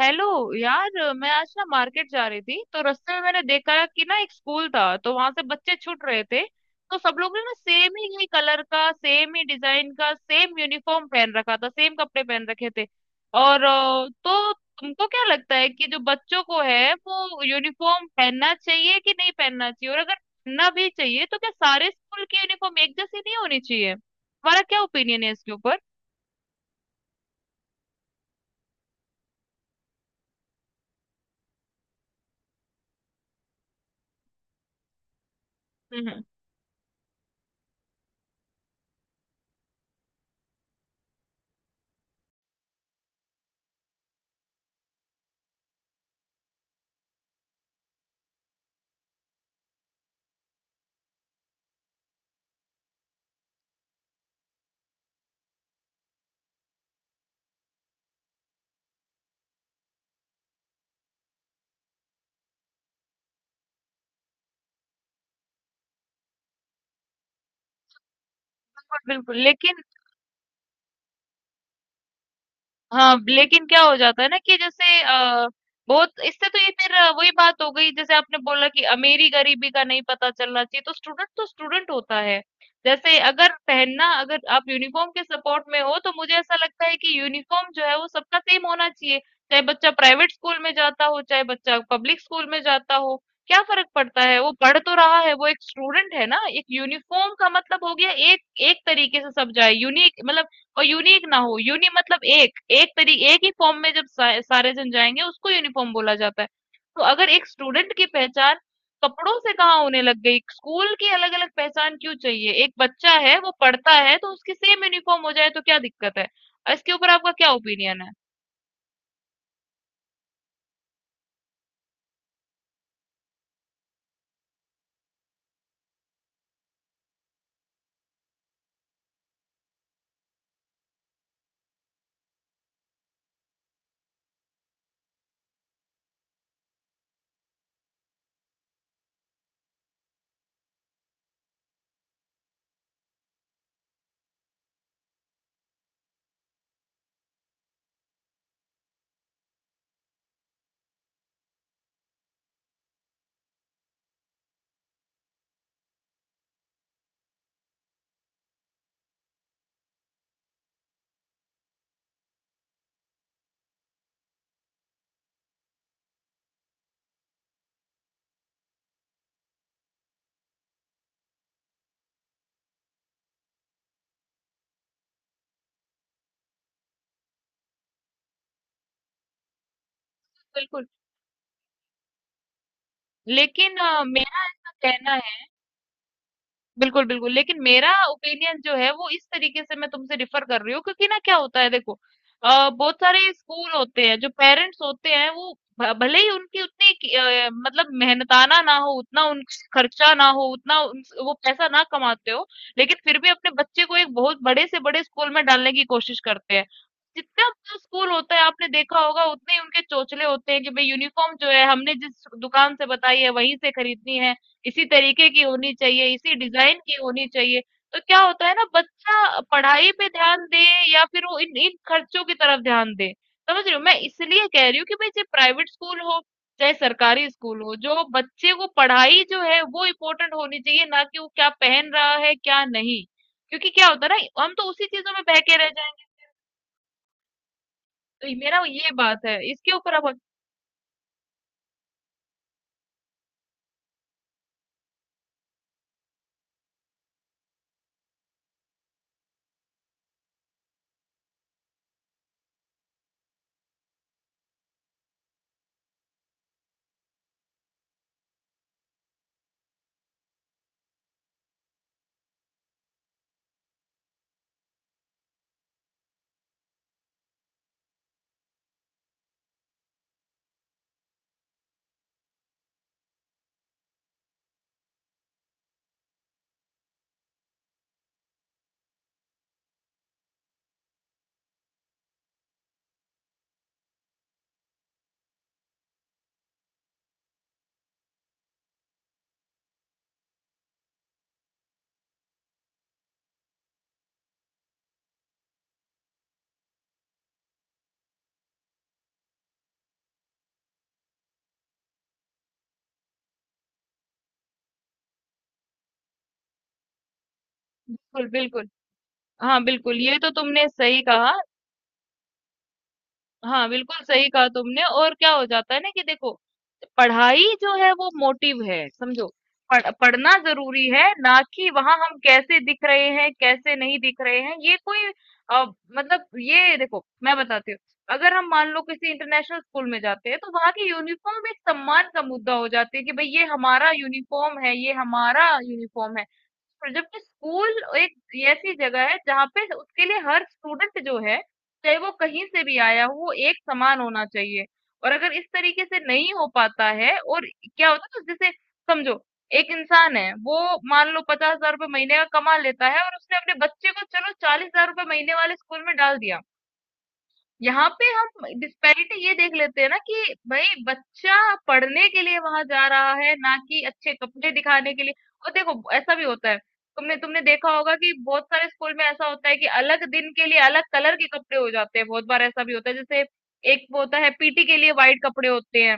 Hello. यार, मैं आज ना मार्केट जा रही थी तो रास्ते में मैंने देखा कि ना एक स्कूल था। तो वहां से बच्चे छूट रहे थे। तो सब लोग ने ना सेम ही कलर का, सेम ही डिजाइन का, सेम यूनिफॉर्म पहन रखा था, सेम कपड़े पहन रखे थे। और तो तुमको क्या लगता है कि जो बच्चों को है वो यूनिफॉर्म पहनना चाहिए कि नहीं पहनना चाहिए? और अगर पहनना भी चाहिए तो क्या सारे स्कूल की यूनिफॉर्म एक जैसी नहीं होनी चाहिए? तुम्हारा क्या ओपिनियन है इसके ऊपर? हम्म। बिल्कुल, बिल्कुल। लेकिन हाँ, लेकिन क्या हो जाता है ना कि जैसे बहुत इससे तो ये फिर वही बात हो गई, जैसे आपने बोला कि अमीरी गरीबी का नहीं पता चलना चाहिए। तो स्टूडेंट होता है। जैसे अगर पहनना, अगर आप यूनिफॉर्म के सपोर्ट में हो, तो मुझे ऐसा लगता है कि यूनिफॉर्म जो है वो सबका सेम होना चाहिए। चाहे बच्चा प्राइवेट स्कूल में जाता हो, चाहे बच्चा पब्लिक स्कूल में जाता हो, क्या फर्क पड़ता है? वो पढ़ तो रहा है, वो एक स्टूडेंट है ना। एक यूनिफॉर्म का मतलब हो गया, एक एक तरीके से सब जाए। यूनिक मतलब, और यूनिक ना हो, यूनि मतलब एक, एक तरी एक ही फॉर्म में जब सारे जन जाएंगे, उसको यूनिफॉर्म बोला जाता है। तो अगर एक स्टूडेंट की पहचान कपड़ों से कहाँ होने लग गई? स्कूल की अलग अलग पहचान क्यों चाहिए? एक बच्चा है वो पढ़ता है, तो उसकी सेम यूनिफॉर्म हो जाए तो क्या दिक्कत है? इसके ऊपर आपका क्या ओपिनियन है? बिल्कुल। लेकिन मेरा ऐसा कहना, बिल्कुल, बिल्कुल। लेकिन मेरा ओपिनियन जो है वो इस तरीके से मैं तुमसे डिफर कर रही हूँ, क्योंकि ना क्या होता है, देखो, बहुत सारे स्कूल होते हैं, जो पेरेंट्स होते हैं वो भ भले ही उनकी उतनी मतलब मेहनताना ना हो, उतना उन खर्चा ना हो, उतना उन वो पैसा ना कमाते हो, लेकिन फिर भी अपने बच्चे को एक बहुत बड़े से बड़े स्कूल में डालने की कोशिश करते हैं। जितना बड़ा स्कूल होता है आपने देखा होगा उतने ही उनके चोचले होते हैं कि भाई यूनिफॉर्म जो है हमने जिस दुकान से बताई है वहीं से खरीदनी है। इसी तरीके की होनी चाहिए, इसी डिजाइन की होनी चाहिए। तो क्या होता है ना, बच्चा पढ़ाई पे ध्यान दे या फिर वो इन इन खर्चों की तरफ ध्यान दे। समझ रहे हो? मैं इसलिए कह रही हूँ कि भाई चाहे प्राइवेट स्कूल हो, चाहे सरकारी स्कूल हो, जो बच्चे को पढ़ाई जो है वो इम्पोर्टेंट होनी चाहिए, ना कि वो क्या पहन रहा है, क्या नहीं। क्योंकि क्या होता है ना, हम तो उसी चीजों में बहके रह जाएंगे। तो मेरा ये बात है, इसके ऊपर आप। बिल्कुल, बिल्कुल। हाँ, बिल्कुल, ये तो तुमने सही कहा। हाँ, बिल्कुल सही कहा तुमने। और क्या हो जाता है ना कि देखो, पढ़ाई जो है वो मोटिव है, समझो। पढ़ना जरूरी है, ना कि वहां हम कैसे दिख रहे हैं, कैसे नहीं दिख रहे हैं, ये कोई। अ, मतलब ये देखो मैं बताती हूँ, अगर हम मान लो किसी इंटरनेशनल स्कूल में जाते हैं तो वहां की यूनिफॉर्म एक सम्मान का मुद्दा हो जाती है कि भाई ये हमारा यूनिफॉर्म है, ये हमारा यूनिफॉर्म है। और जबकि स्कूल एक ऐसी जगह है जहाँ पे उसके लिए हर स्टूडेंट जो है, चाहे वो कहीं से भी आया हो, वो एक समान होना चाहिए। और अगर इस तरीके से नहीं हो पाता है, और क्या होता है ना, जैसे समझो एक इंसान है, वो मान लो 50,000 रुपये महीने का कमा लेता है, और उसने अपने बच्चे को चलो 40,000 रुपये महीने वाले स्कूल में डाल दिया। यहाँ पे हम डिस्पैरिटी ये देख लेते हैं ना कि भाई बच्चा पढ़ने के लिए वहां जा रहा है, ना कि अच्छे कपड़े दिखाने के लिए। और देखो ऐसा भी होता है, तुमने तुमने देखा होगा कि बहुत सारे स्कूल में ऐसा होता है कि अलग दिन के लिए अलग कलर के कपड़े हो जाते हैं। बहुत बार ऐसा भी होता है, जैसे एक वो होता है पीटी के लिए वाइट कपड़े होते हैं,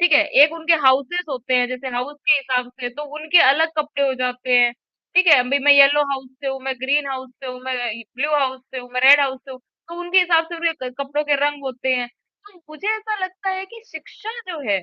ठीक है, एक उनके हाउसेस होते हैं। जैसे हाउस के हिसाब से तो उनके अलग कपड़े हो जाते हैं, ठीक है। अभी मैं येलो हाउस से हूँ, मैं ग्रीन हाउस से हूँ, मैं ब्लू हाउस से हूँ, मैं रेड हाउस से हूँ। तो उनके हिसाब से उनके कपड़ों के रंग होते हैं। तो मुझे ऐसा लगता है कि शिक्षा जो है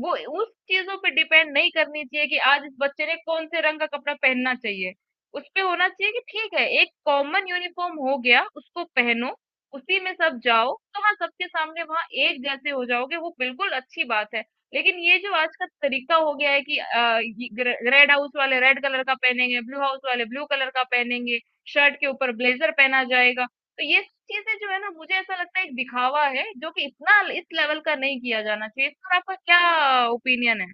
वो उस चीजों पे डिपेंड नहीं करनी चाहिए कि आज इस बच्चे ने कौन से रंग का कपड़ा पहनना चाहिए। उस पे होना चाहिए कि ठीक है, एक कॉमन यूनिफॉर्म हो गया, उसको पहनो, उसी में सब जाओ। तो हाँ, सबके सामने वहां एक जैसे हो जाओगे, वो बिल्कुल अच्छी बात है। लेकिन ये जो आज का तरीका हो गया है कि ये रेड हाउस वाले रेड कलर का पहनेंगे, ब्लू हाउस वाले ब्लू कलर का पहनेंगे, शर्ट के ऊपर ब्लेजर पहना जाएगा, तो ये चीजें जो है ना, मुझे ऐसा लगता है एक दिखावा है, जो कि इतना इस लेवल का नहीं किया जाना चाहिए। इस पर आपका क्या ओपिनियन है?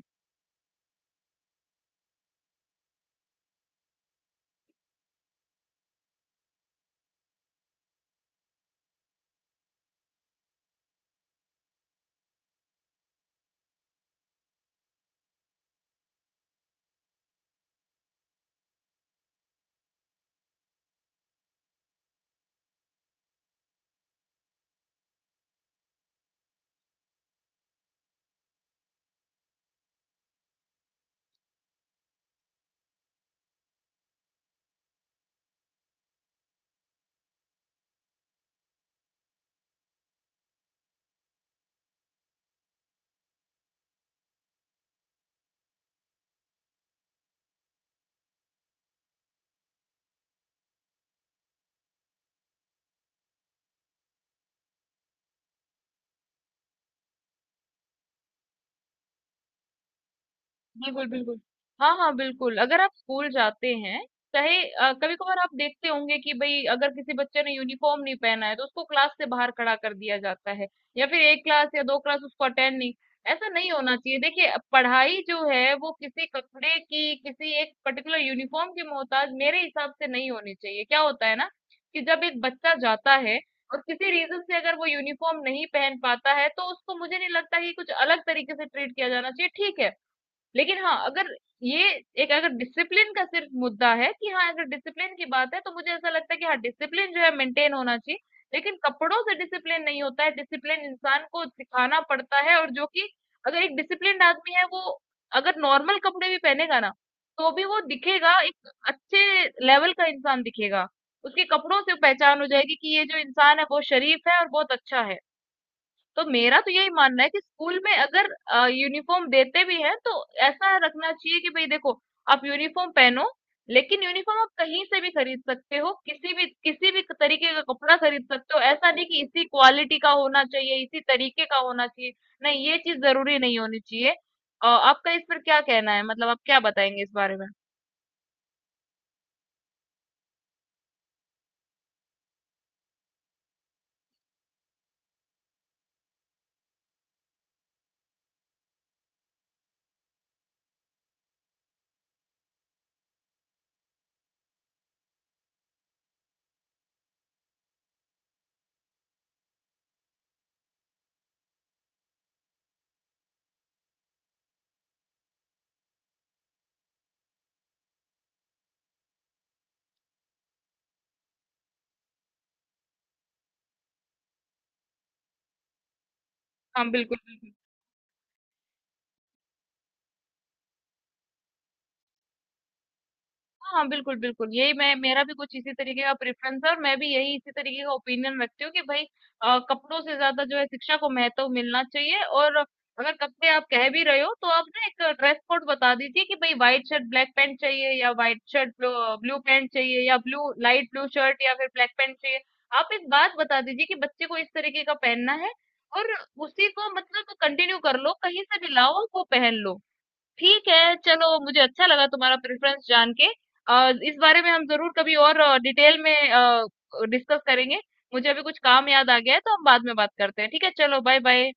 बिल्कुल, बिल्कुल। हाँ, हाँ, बिल्कुल। अगर आप स्कूल जाते हैं, चाहे कभी-कभार आप देखते होंगे कि भई अगर किसी बच्चे ने यूनिफॉर्म नहीं पहना है, तो उसको क्लास से बाहर खड़ा कर दिया जाता है, या फिर 1 क्लास या 2 क्लास उसको अटेंड नहीं। ऐसा नहीं होना चाहिए। देखिए, पढ़ाई जो है वो किसी कपड़े की, किसी एक पर्टिकुलर यूनिफॉर्म की मोहताज मेरे हिसाब से नहीं होनी चाहिए। क्या होता है ना कि जब एक बच्चा जाता है और किसी रीज़न से अगर वो यूनिफॉर्म नहीं पहन पाता है, तो उसको मुझे नहीं लगता कि कुछ अलग तरीके से ट्रीट किया जाना चाहिए। ठीक है, लेकिन हाँ, अगर ये एक, अगर डिसिप्लिन का सिर्फ मुद्दा है, कि हाँ अगर डिसिप्लिन की बात है, तो मुझे ऐसा लगता है कि हाँ, डिसिप्लिन जो है मेंटेन होना चाहिए। लेकिन कपड़ों से डिसिप्लिन नहीं होता है, डिसिप्लिन इंसान को सिखाना पड़ता है। और जो कि अगर एक डिसिप्लिन्ड आदमी है, वो अगर नॉर्मल कपड़े भी पहनेगा ना, तो भी वो दिखेगा, एक अच्छे लेवल का इंसान दिखेगा। उसके कपड़ों से पहचान हो जाएगी कि ये जो इंसान है बहुत शरीफ है और बहुत अच्छा है। तो मेरा तो यही मानना है कि स्कूल में अगर यूनिफॉर्म देते भी हैं तो ऐसा रखना चाहिए कि भाई देखो, आप यूनिफॉर्म पहनो, लेकिन यूनिफॉर्म आप कहीं से भी खरीद सकते हो, किसी भी तरीके का कपड़ा खरीद सकते हो। ऐसा नहीं कि इसी क्वालिटी का होना चाहिए, इसी तरीके का होना चाहिए। नहीं, ये चीज जरूरी नहीं होनी चाहिए। आपका इस पर क्या कहना है? मतलब आप क्या बताएंगे इस बारे में? हाँ, बिल्कुल बिल्कुल। हाँ, हाँ, बिल्कुल, बिल्कुल। यही मैं, मेरा भी कुछ इसी तरीके का प्रेफ़रेंस है, और मैं भी यही इसी तरीके का ओपिनियन रखती हूँ कि भई कपड़ों से ज़्यादा जो है शिक्षा को महत्व मिलना चाहिए। और अगर कपड़े आप कह भी रहे हो, तो आप ना एक ड्रेस कोड बता दीजिए कि भई व्हाइट शर्ट ब्लैक पैंट चाहिए, या व्हाइट शर्ट ब्लू पैंट चाहिए, या ब्लू लाइट ब्लू शर्ट या फिर ब्लैक पैंट चाहिए। आप एक बात बता दीजिए कि बच्चे को इस तरीके का पहनना है, और उसी को मतलब कंटिन्यू कर लो, कहीं से भी लाओ, वो पहन लो। ठीक है, चलो मुझे अच्छा लगा तुम्हारा प्रेफरेंस जान के। और इस बारे में हम जरूर कभी और डिटेल में डिस्कस करेंगे। मुझे अभी कुछ काम याद आ गया है तो हम बाद में बात करते हैं, ठीक है? चलो, बाय बाय।